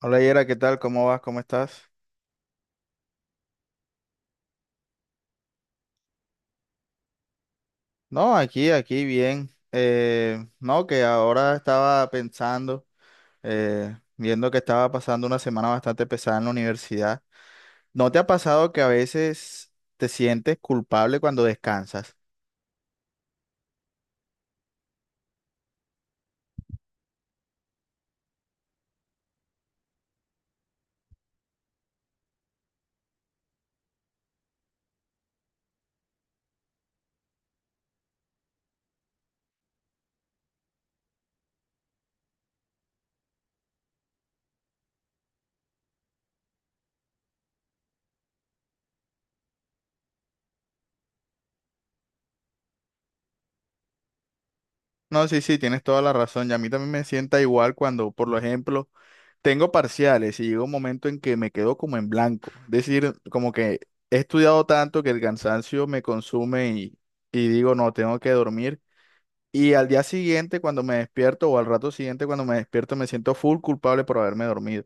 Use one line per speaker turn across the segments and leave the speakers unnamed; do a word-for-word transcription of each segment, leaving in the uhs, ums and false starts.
Hola Yera, ¿qué tal? ¿Cómo vas? ¿Cómo estás? No, aquí, aquí bien. Eh, no, que ahora estaba pensando, eh, viendo que estaba pasando una semana bastante pesada en la universidad. ¿No te ha pasado que a veces te sientes culpable cuando descansas? No, sí, sí, tienes toda la razón. Y a mí también me sienta igual cuando, por lo ejemplo, tengo parciales y llega un momento en que me quedo como en blanco. Es decir, como que he estudiado tanto que el cansancio me consume y, y digo, no, tengo que dormir. Y al día siguiente, cuando me despierto, o al rato siguiente, cuando me despierto, me siento full culpable por haberme dormido.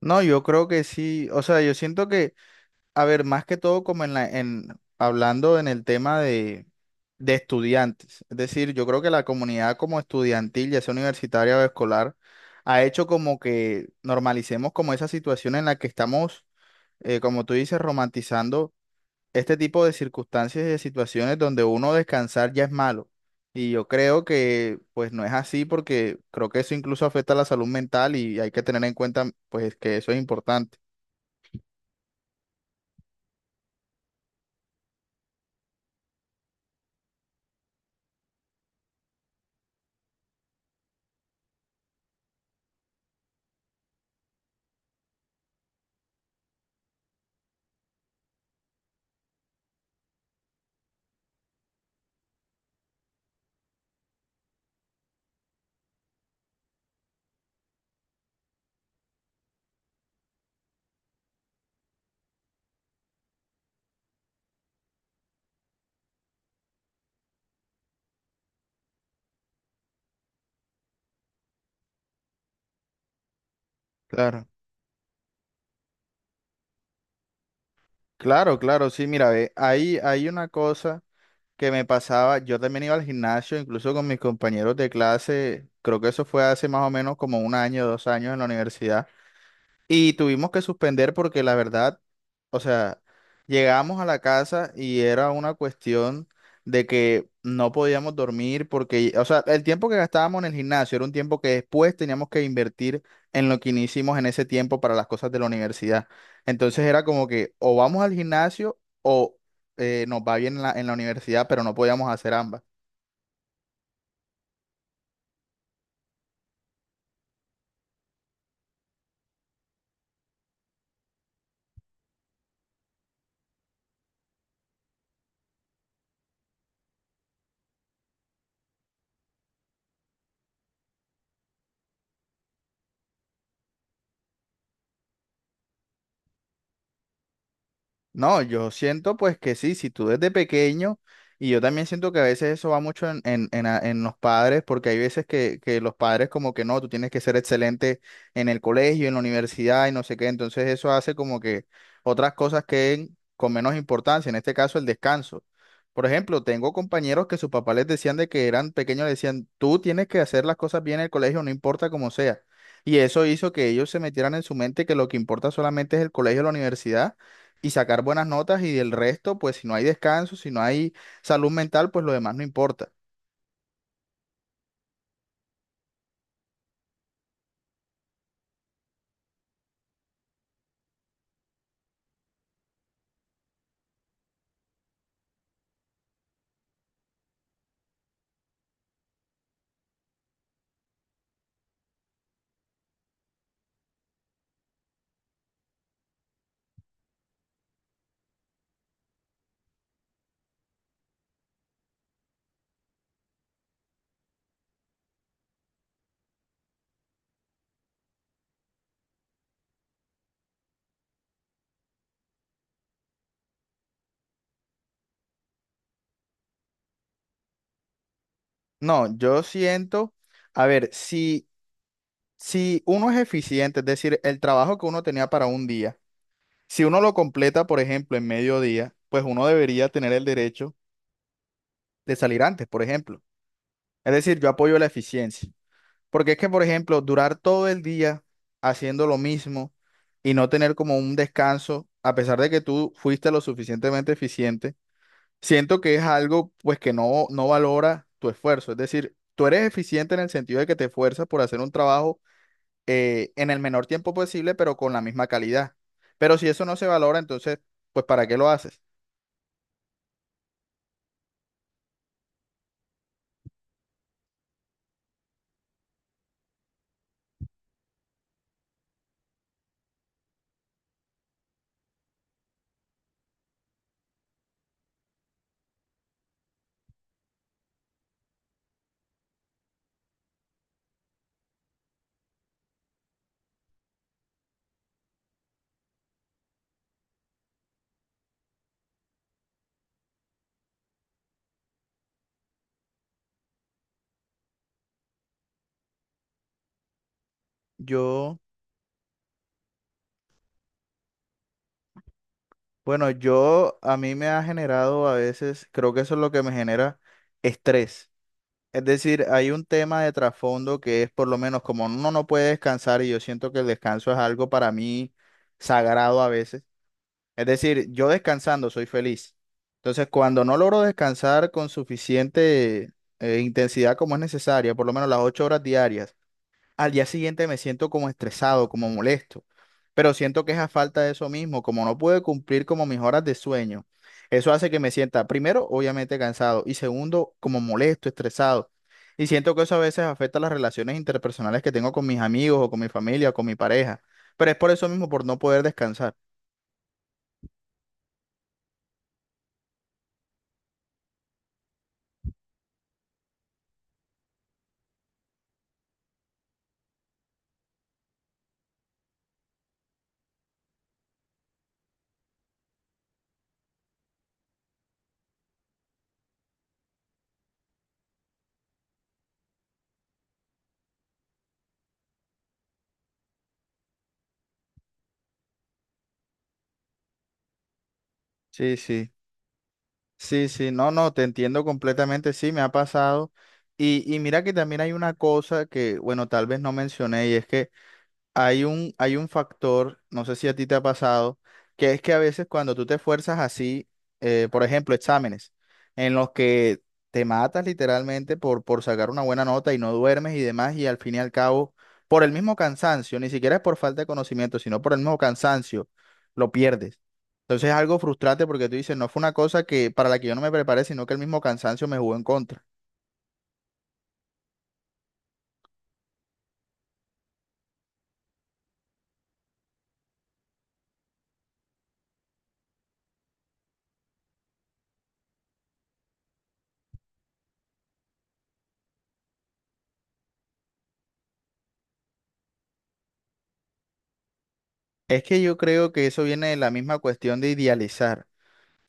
No, yo creo que sí, o sea, yo siento que, a ver, más que todo como en la, en, hablando en el tema de, de estudiantes, es decir, yo creo que la comunidad como estudiantil, ya sea universitaria o escolar, ha hecho como que normalicemos como esa situación en la que estamos, eh, como tú dices, romantizando este tipo de circunstancias y de situaciones donde uno descansar ya es malo. Y yo creo que pues no es así porque creo que eso incluso afecta a la salud mental y hay que tener en cuenta pues que eso es importante. Claro. Claro, claro, sí, mira, ve, ahí hay una cosa que me pasaba, yo también iba al gimnasio, incluso con mis compañeros de clase, creo que eso fue hace más o menos como un año, dos años en la universidad. Y tuvimos que suspender porque la verdad, o sea, llegamos a la casa y era una cuestión de que no podíamos dormir porque, o sea, el tiempo que gastábamos en el gimnasio era un tiempo que después teníamos que invertir en lo que no hicimos en ese tiempo para las cosas de la universidad. Entonces era como que o vamos al gimnasio o eh, nos va bien en la, en la universidad, pero no podíamos hacer ambas. No, yo siento pues que sí, si tú desde pequeño, y yo también siento que a veces eso va mucho en, en, en a- en los padres, porque hay veces que, que los padres como que no, tú tienes que ser excelente en el colegio, en la universidad y no sé qué, entonces eso hace como que otras cosas queden con menos importancia, en este caso el descanso. Por ejemplo, tengo compañeros que sus papás les decían de que eran pequeños, les decían, tú tienes que hacer las cosas bien en el colegio, no importa cómo sea. Y eso hizo que ellos se metieran en su mente que lo que importa solamente es el colegio o la universidad y sacar buenas notas y del resto, pues si no hay descanso, si no hay salud mental, pues lo demás no importa. No, yo siento, a ver, si, si uno es eficiente, es decir, el trabajo que uno tenía para un día, si uno lo completa, por ejemplo, en mediodía, pues uno debería tener el derecho de salir antes, por ejemplo. Es decir, yo apoyo la eficiencia, porque es que, por ejemplo, durar todo el día haciendo lo mismo y no tener como un descanso, a pesar de que tú fuiste lo suficientemente eficiente, siento que es algo pues que no, no valora tu esfuerzo. Es decir, tú eres eficiente en el sentido de que te esfuerzas por hacer un trabajo eh, en el menor tiempo posible, pero con la misma calidad. Pero si eso no se valora, entonces, pues ¿para qué lo haces? Yo, bueno, yo a mí me ha generado a veces, creo que eso es lo que me genera estrés. Es decir, hay un tema de trasfondo que es por lo menos como uno no puede descansar y yo siento que el descanso es algo para mí sagrado a veces. Es decir, yo descansando soy feliz. Entonces, cuando no logro descansar con suficiente eh, intensidad como es necesaria, por lo menos las ocho horas diarias, al día siguiente me siento como estresado, como molesto. Pero siento que es a falta de eso mismo, como no pude cumplir como mis horas de sueño. Eso hace que me sienta, primero, obviamente cansado y segundo, como molesto, estresado. Y siento que eso a veces afecta las relaciones interpersonales que tengo con mis amigos o con mi familia o con mi pareja. Pero es por eso mismo, por no poder descansar. Sí, sí. Sí, sí, no, no, te entiendo completamente, sí, me ha pasado. Y, y mira que también hay una cosa que, bueno, tal vez no mencioné, y es que hay un, hay un factor, no sé si a ti te ha pasado, que es que a veces cuando tú te esfuerzas así, eh, por ejemplo, exámenes, en los que te matas literalmente por, por sacar una buena nota y no duermes y demás, y al fin y al cabo, por el mismo cansancio, ni siquiera es por falta de conocimiento, sino por el mismo cansancio, lo pierdes. Entonces es algo frustrante porque tú dices, no fue una cosa que para la que yo no me preparé, sino que el mismo cansancio me jugó en contra. Es que yo creo que eso viene de la misma cuestión de idealizar.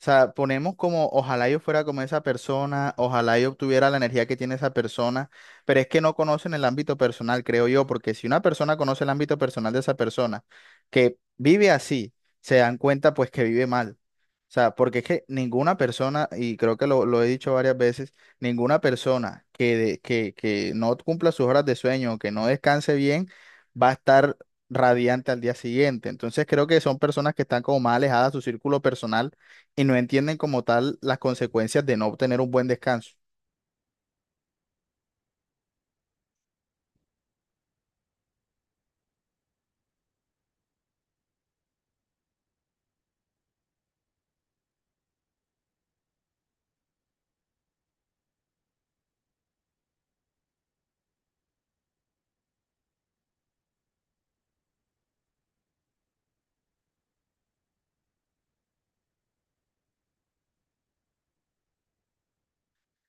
O sea, ponemos como, ojalá yo fuera como esa persona, ojalá yo obtuviera la energía que tiene esa persona, pero es que no conocen el ámbito personal, creo yo, porque si una persona conoce el ámbito personal de esa persona, que vive así, se dan cuenta pues que vive mal. O sea, porque es que ninguna persona, y creo que lo, lo he dicho varias veces, ninguna persona que, de- que, que no cumpla sus horas de sueño, que no descanse bien, va a estar radiante al día siguiente. Entonces creo que son personas que están como más alejadas de su círculo personal y no entienden como tal las consecuencias de no obtener un buen descanso.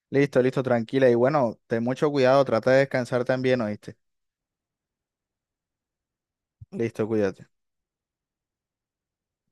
Listo, listo, tranquila. Y bueno, ten mucho cuidado, trata de descansar también, ¿oíste? Listo, cuídate.